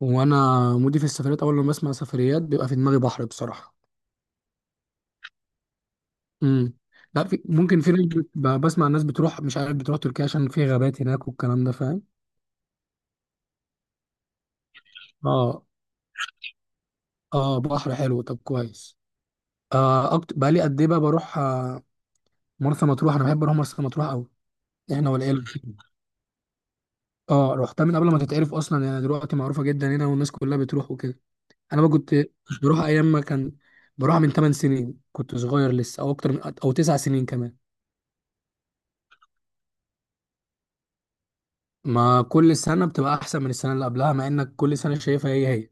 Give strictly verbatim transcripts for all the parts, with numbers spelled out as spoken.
وانا مودي في السفريات، اول لما بسمع سفريات بيبقى في دماغي بحر بصراحه. امم. لا، في ممكن في ناس بت- ب- بسمع الناس بتروح، مش عارف، بتروح تركيا عشان في غابات هناك والكلام ده، فاهم؟ اه، اه، بحر حلو، طب كويس. آه أكت... بقى لي قد ايه بقى بروح آه مرسى مطروح، انا بحب اروح مرسى مطروح قوي. احنا والعيله. اه، رحتها من قبل ما تتعرف اصلا، يعني دلوقتي معروفه جدا هنا والناس كلها بتروح وكده. انا بقى كنت مش بروح ايام ما كان. بروح من 8 سنين، كنت صغير لسه، او اكتر، من او 9 سنين كمان. ما كل سنة بتبقى أحسن من السنة اللي قبلها، مع إنك كل سنة شايفها هي هي.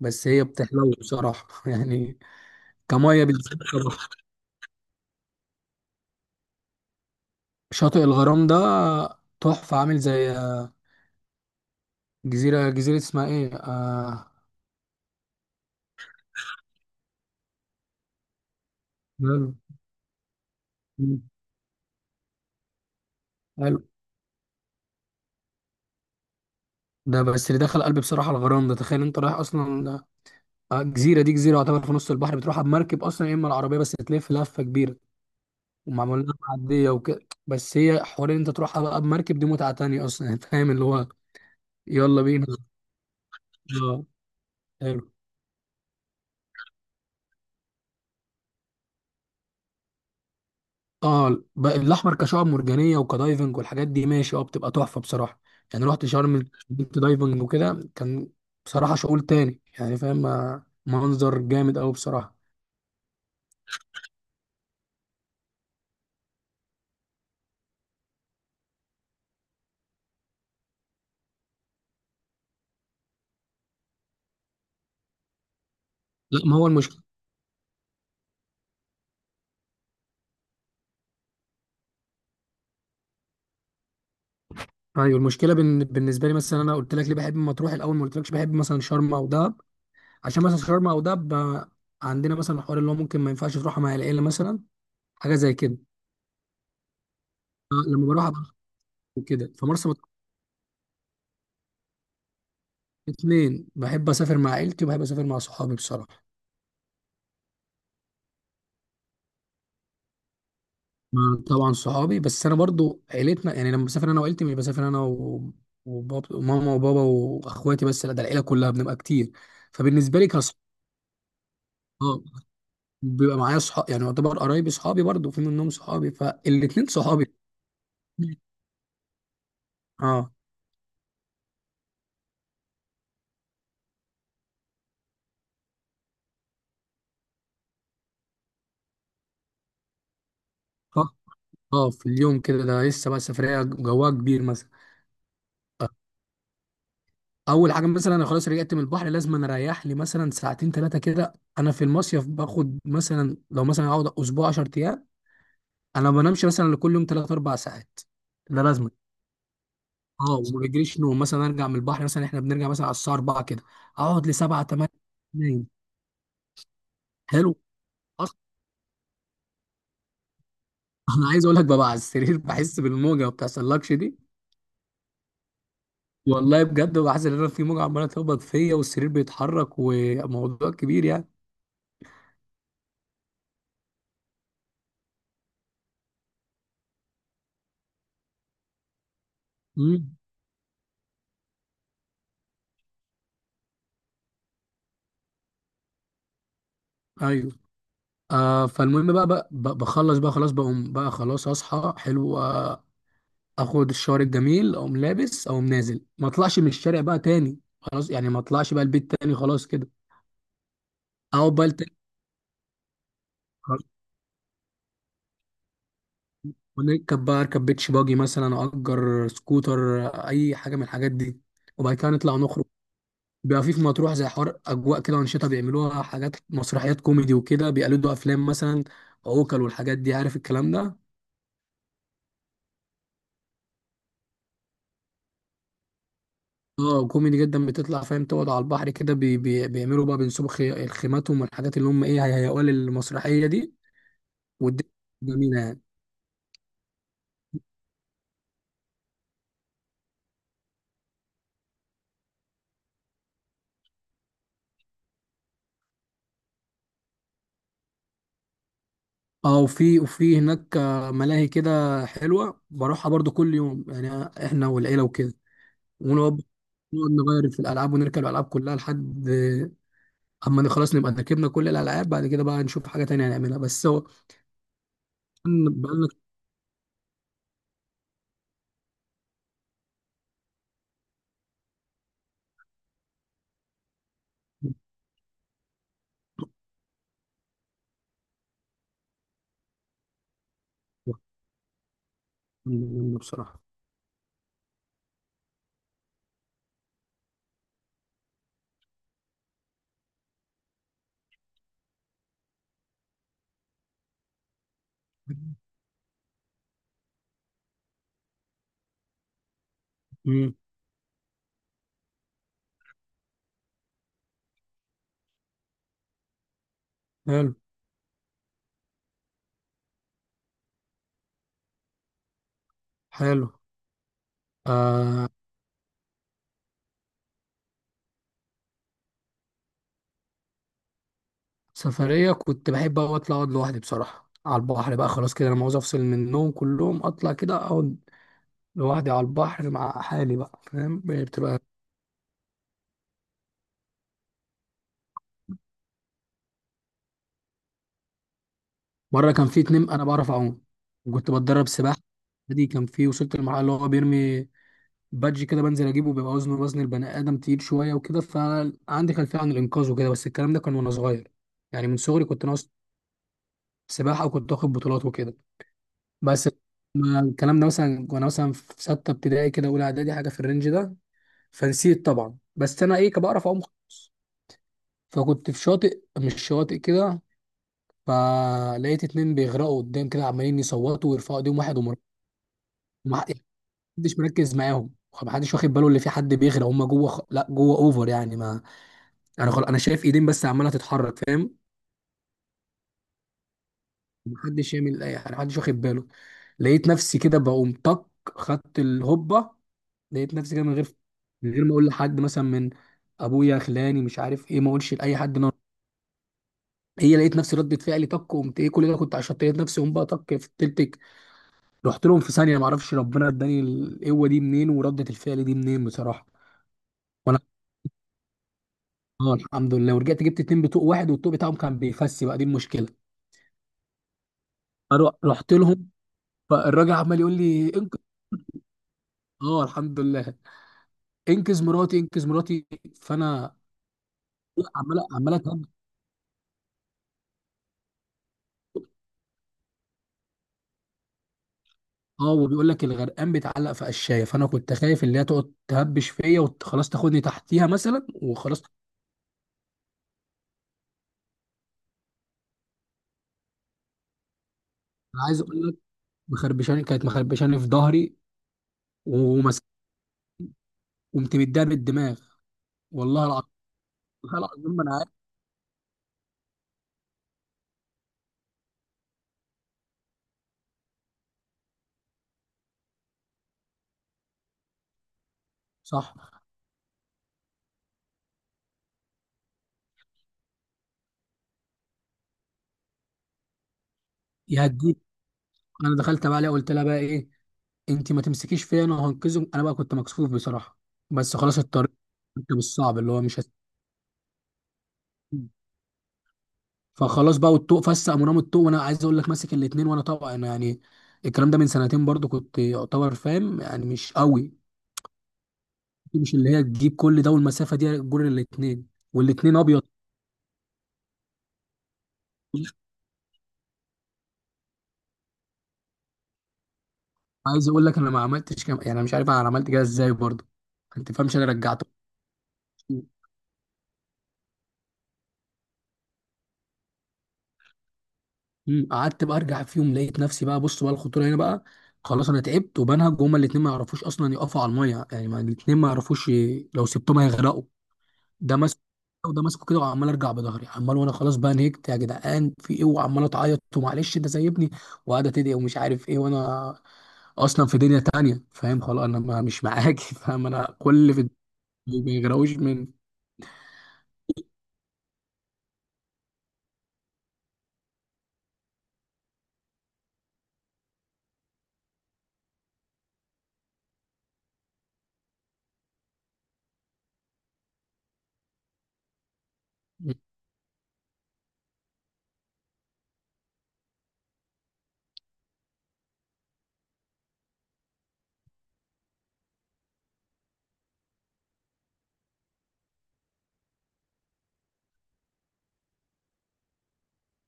بس هي بتحلو بصراحة يعني. كمية بالذات بصراحة، شاطئ الغرام ده تحفة، عامل زي آه، جزيرة جزيرة اسمها إيه؟ آه... مم. حلو. ده بس اللي دخل قلبي بصراحة، الغرام ده. تخيل أنت رايح أصلا آه، جزيرة دي، جزيرة يعتبر في نص البحر، بتروحها بمركب أصلا يا إما العربية بس تلف لفة كبيرة. ومعمول لها معدية وكده. بس هي حوار إن أنت تروحها بقى بمركب، دي متعة تانية أصلا فاهم اللي هو. يلا بينا. آه. حلو. اه، ب- الاحمر كشعب مرجانيه وكدايفنج والحاجات دي ماشي، اه بتبقى تحفه بصراحه. يعني رحت شرم، كنت دايفنج وكده، كان بصراحه شغل تاني، يعني فاهم. آه، منظر جامد قوي بصراحه. لا، ما هو المشكله. ايوه، المشكله بن... بالنسبه لي مثلا، انا قلت لك ليه بحب مطروح الاول، ما قلتلكش بحب مثلا شرم او دهب. عشان مثلا شرم او دهب آه، عندنا مثلا حوار اللي هو ممكن ما ينفعش تروحها مع العيله مثلا. حاجه زي كده. آه، لما بروح أبقى كده، فمرسى مطروح. الاثنين بحب اسافر مع عيلتي وبحب اسافر مع صحابي بصراحه. مع طبعا صحابي، بس انا برضو عيلتنا يعني، لما بسافر انا وعيلتي مش بسافر انا و... وباب... وماما وبابا واخواتي بس، لا ده العيله كلها بنبقى كتير. فبالنسبه لي كصحاب، بيبقى معايا صحاب يعني، يعتبر قرايبي صحابي برضو، في منهم صحابي، فالاتنين صحابي. اه، ف... اه، في اليوم كده ده لسه بقى سفريه جواها كبير مثلا. آه، اول حاجه مثلا، انا خلاص رجعت من البحر، لازم انا اريح لي مثلا ساعتين ثلاثه كده. انا في المصيف باخد مثلا، لو مثلا اقعد اسبوع 10 ايام، انا ما بنامش مثلا لكل يوم ثلاث اربعة ساعات. ده لازم. اه، وما بجريش نوم، مثلا ارجع من البحر مثلا، احنا بنرجع مثلا على الساعه الرابعة كده، اقعد ل سبعة تمنية نايم. حلو. اصلا انا عايز اقول لك ببقى على السرير بحس بالموجه، ما بتحصلكش دي. والله بجد، بحس ان انا في موجه عماله تخبط فيا والسرير بيتحرك، وموضوع كبير يعني. امم. ايوه. آه فالمهم بقى، بقى بقى- بخلص بقى، خلاص بقوم بقى، خلاص اصحى حلو آه اخد الشاور الجميل، اقوم لابس، اقوم نازل، ما اطلعش من الشارع بقى تاني خلاص يعني، ما اطلعش بقى البيت تاني خلاص كده. او بقى تاني خلاص، ونركب بقى، اركب بيتش باجي مثلا، اجر سكوتر، اي حاجه من الحاجات دي. وبعد كده نطلع نخرج. بيبقى في في مطروح زي حوار اجواء كده وانشطه بيعملوها، حاجات مسرحيات كوميدي وكده بيقلدوا افلام مثلا، عوكل والحاجات دي عارف الكلام ده. اه، كوميدي جدا بتطلع فاهم، تقعد على البحر كده، بي بي بيعملوا بقى، بينسبوا خي- خيماتهم والحاجات اللي هم ايه هيهيئوها للمسرحيه دي. والدنيا جميلة يعني. اه، وفي وفي هناك آه، ملاهي كده، حلوة بروحها برضو كل يوم يعني آه، احنا والعيلة وكده. ونقعد، نقعد نغير في الألعاب ونركب الألعاب كلها لحد آه، أما خلاص نبقى ركبنا كل الألعاب، بعد كده بقى نشوف حاجة تانية نعملها، بس هو كان بقالنا كتير منه بصراحة. امم. حلو. حلو. آه. سفرية كنت بحب أوي أطلع أقعد لوحدي بصراحة على البحر بقى، خلاص كده أنا عاوز أفصل من النوم كلهم، أطلع كده أقعد لوحدي على البحر مع حالي بقى، فاهم، بتبقى. مرة كان في اتنين، أنا بعرف أعوم وكنت بتدرب سباحة. دي كان في، وصلت للمرحلة اللي هو بيرمي بادج كده بنزل أجيبه، بيبقى وزنه وزن البني آدم، تقيل شوية وكده، فعندي خلفية عن الإنقاذ وكده، بس الكلام ده كان وأنا صغير، يعني من صغري كنت ناقص سباحة، وكنت واخد بطولات وكده. بس ما الكلام ده مثلا وأنا مثلا في ستة ابتدائي كده، أولى إعدادي، حاجة في الرينج ده. فنسيت طبعا، بس أنا إيه، كان بعرف أعوم. فكنت في شاطئ، مش شاطئ كده، فلقيت اتنين بيغرقوا قدام كده عمالين يصوتوا ويرفعوا ايديهم، واحد ومر، محدش مركز معاهم، محدش واخد باله اللي في حد بيغرق، هم جوه خ... لا جوه اوفر يعني، ما انا خل... انا شايف ايدين بس عماله تتحرك، فاهم. محدش يعمل اي حاجه، محدش واخد باله. لقيت نفسي كده بقوم طق، خدت الهبه. لقيت نفسي كده من غير من غير ما اقول لحد مثلا، من ابويا خلاني مش عارف ايه، ما اقولش لاي حد انا. هي لقيت نفسي ردة فعلي طق، قمت ايه كل ده كنت، عشان لقيت نفسي قوم بقى طق في التلتك، رحت لهم في ثانيه، ما اعرفش ربنا اداني القوه دي منين ورده الفعل دي منين بصراحه. اه الحمد لله، ورجعت جبت اتنين بطوق واحد، والطوق بتاعهم كان بيفسي بقى، دي المشكله. فرو- رحت لهم. فالراجل عمال يقول لي: انقذ. اه الحمد لله. انقذ مراتي، انقذ مراتي. فانا عمال عمال اتهب. اه، وبيقول لك الغرقان بيتعلق في قشايه، فانا كنت خايف اللي هي تقعد تهبش فيا وخلاص تاخدني تحتيها مثلا وخلاص. انا عايز اقول لك، مخربشاني كانت مخربشاني في ظهري، ومس... قمت مديها بالدماغ. والله العظيم، والله العظيم ما انا عارف. صح، يهديك. انا دخلت بقى عليها، قلت لها بقى ايه، انت ما تمسكيش فيا انا وهنقذك. انا بقى كنت مكسوف بصراحه، بس خلاص الطريق، كنت بالصعب اللي هو مش هس... فخلاص بقى، والطوق فسق مرام الطوق، وانا عايز اقول لك ماسك الاتنين، وانا طبعا انا يعني الكلام ده من سنتين برضو، كنت يعتبر فاهم، يعني مش قوي، مش اللي هي تجيب كل ده، والمسافه دي جور الاتنين، والاتنين ابيض. عايز اقول لك، انا ما عملتش كم... يعني انا مش عارف انا عملت كده ازاي برضو، انت فاهمش؟ انا رجعته. مم. قعدت بقى ارجع، في يوم لقيت نفسي بقى، بص بقى الخطوره هنا بقى، خلاص انا تعبت وبنهج، وهما الاثنين ما يعرفوش اصلا يقفوا على الميه، يعني ما الاثنين ما يعرفوش ي- لو سبتهم هيغرقوا. ده ماسك، وده ماسكه كده، وعمال ارجع بظهري عمال، وانا خلاص بقى نهجت، يا جدعان في ايه، وعمال اتعيط ومعلش ده سايبني، وقاعده تدعي ومش عارف ايه، وانا اصلا في دنيا تانية، فاهم، خلاص انا ما مش معاكي فاهم، انا كل اللي في الدنيا ما يغرقوش من.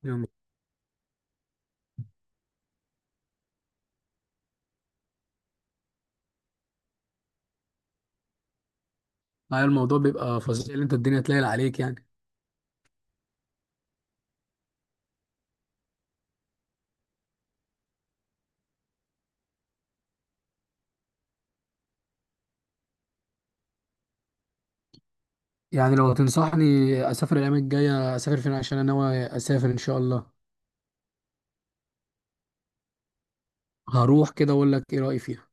يعني الموضوع بيبقى فظيع، اللي انت الدنيا تلاقي عليك يعني. يعني لو تنصحني اسافر الايام الجايه، اسافر فين عشان انا ناوي اسافر ان شاء الله؟ هروح كده اقول لك ايه رايي فيها.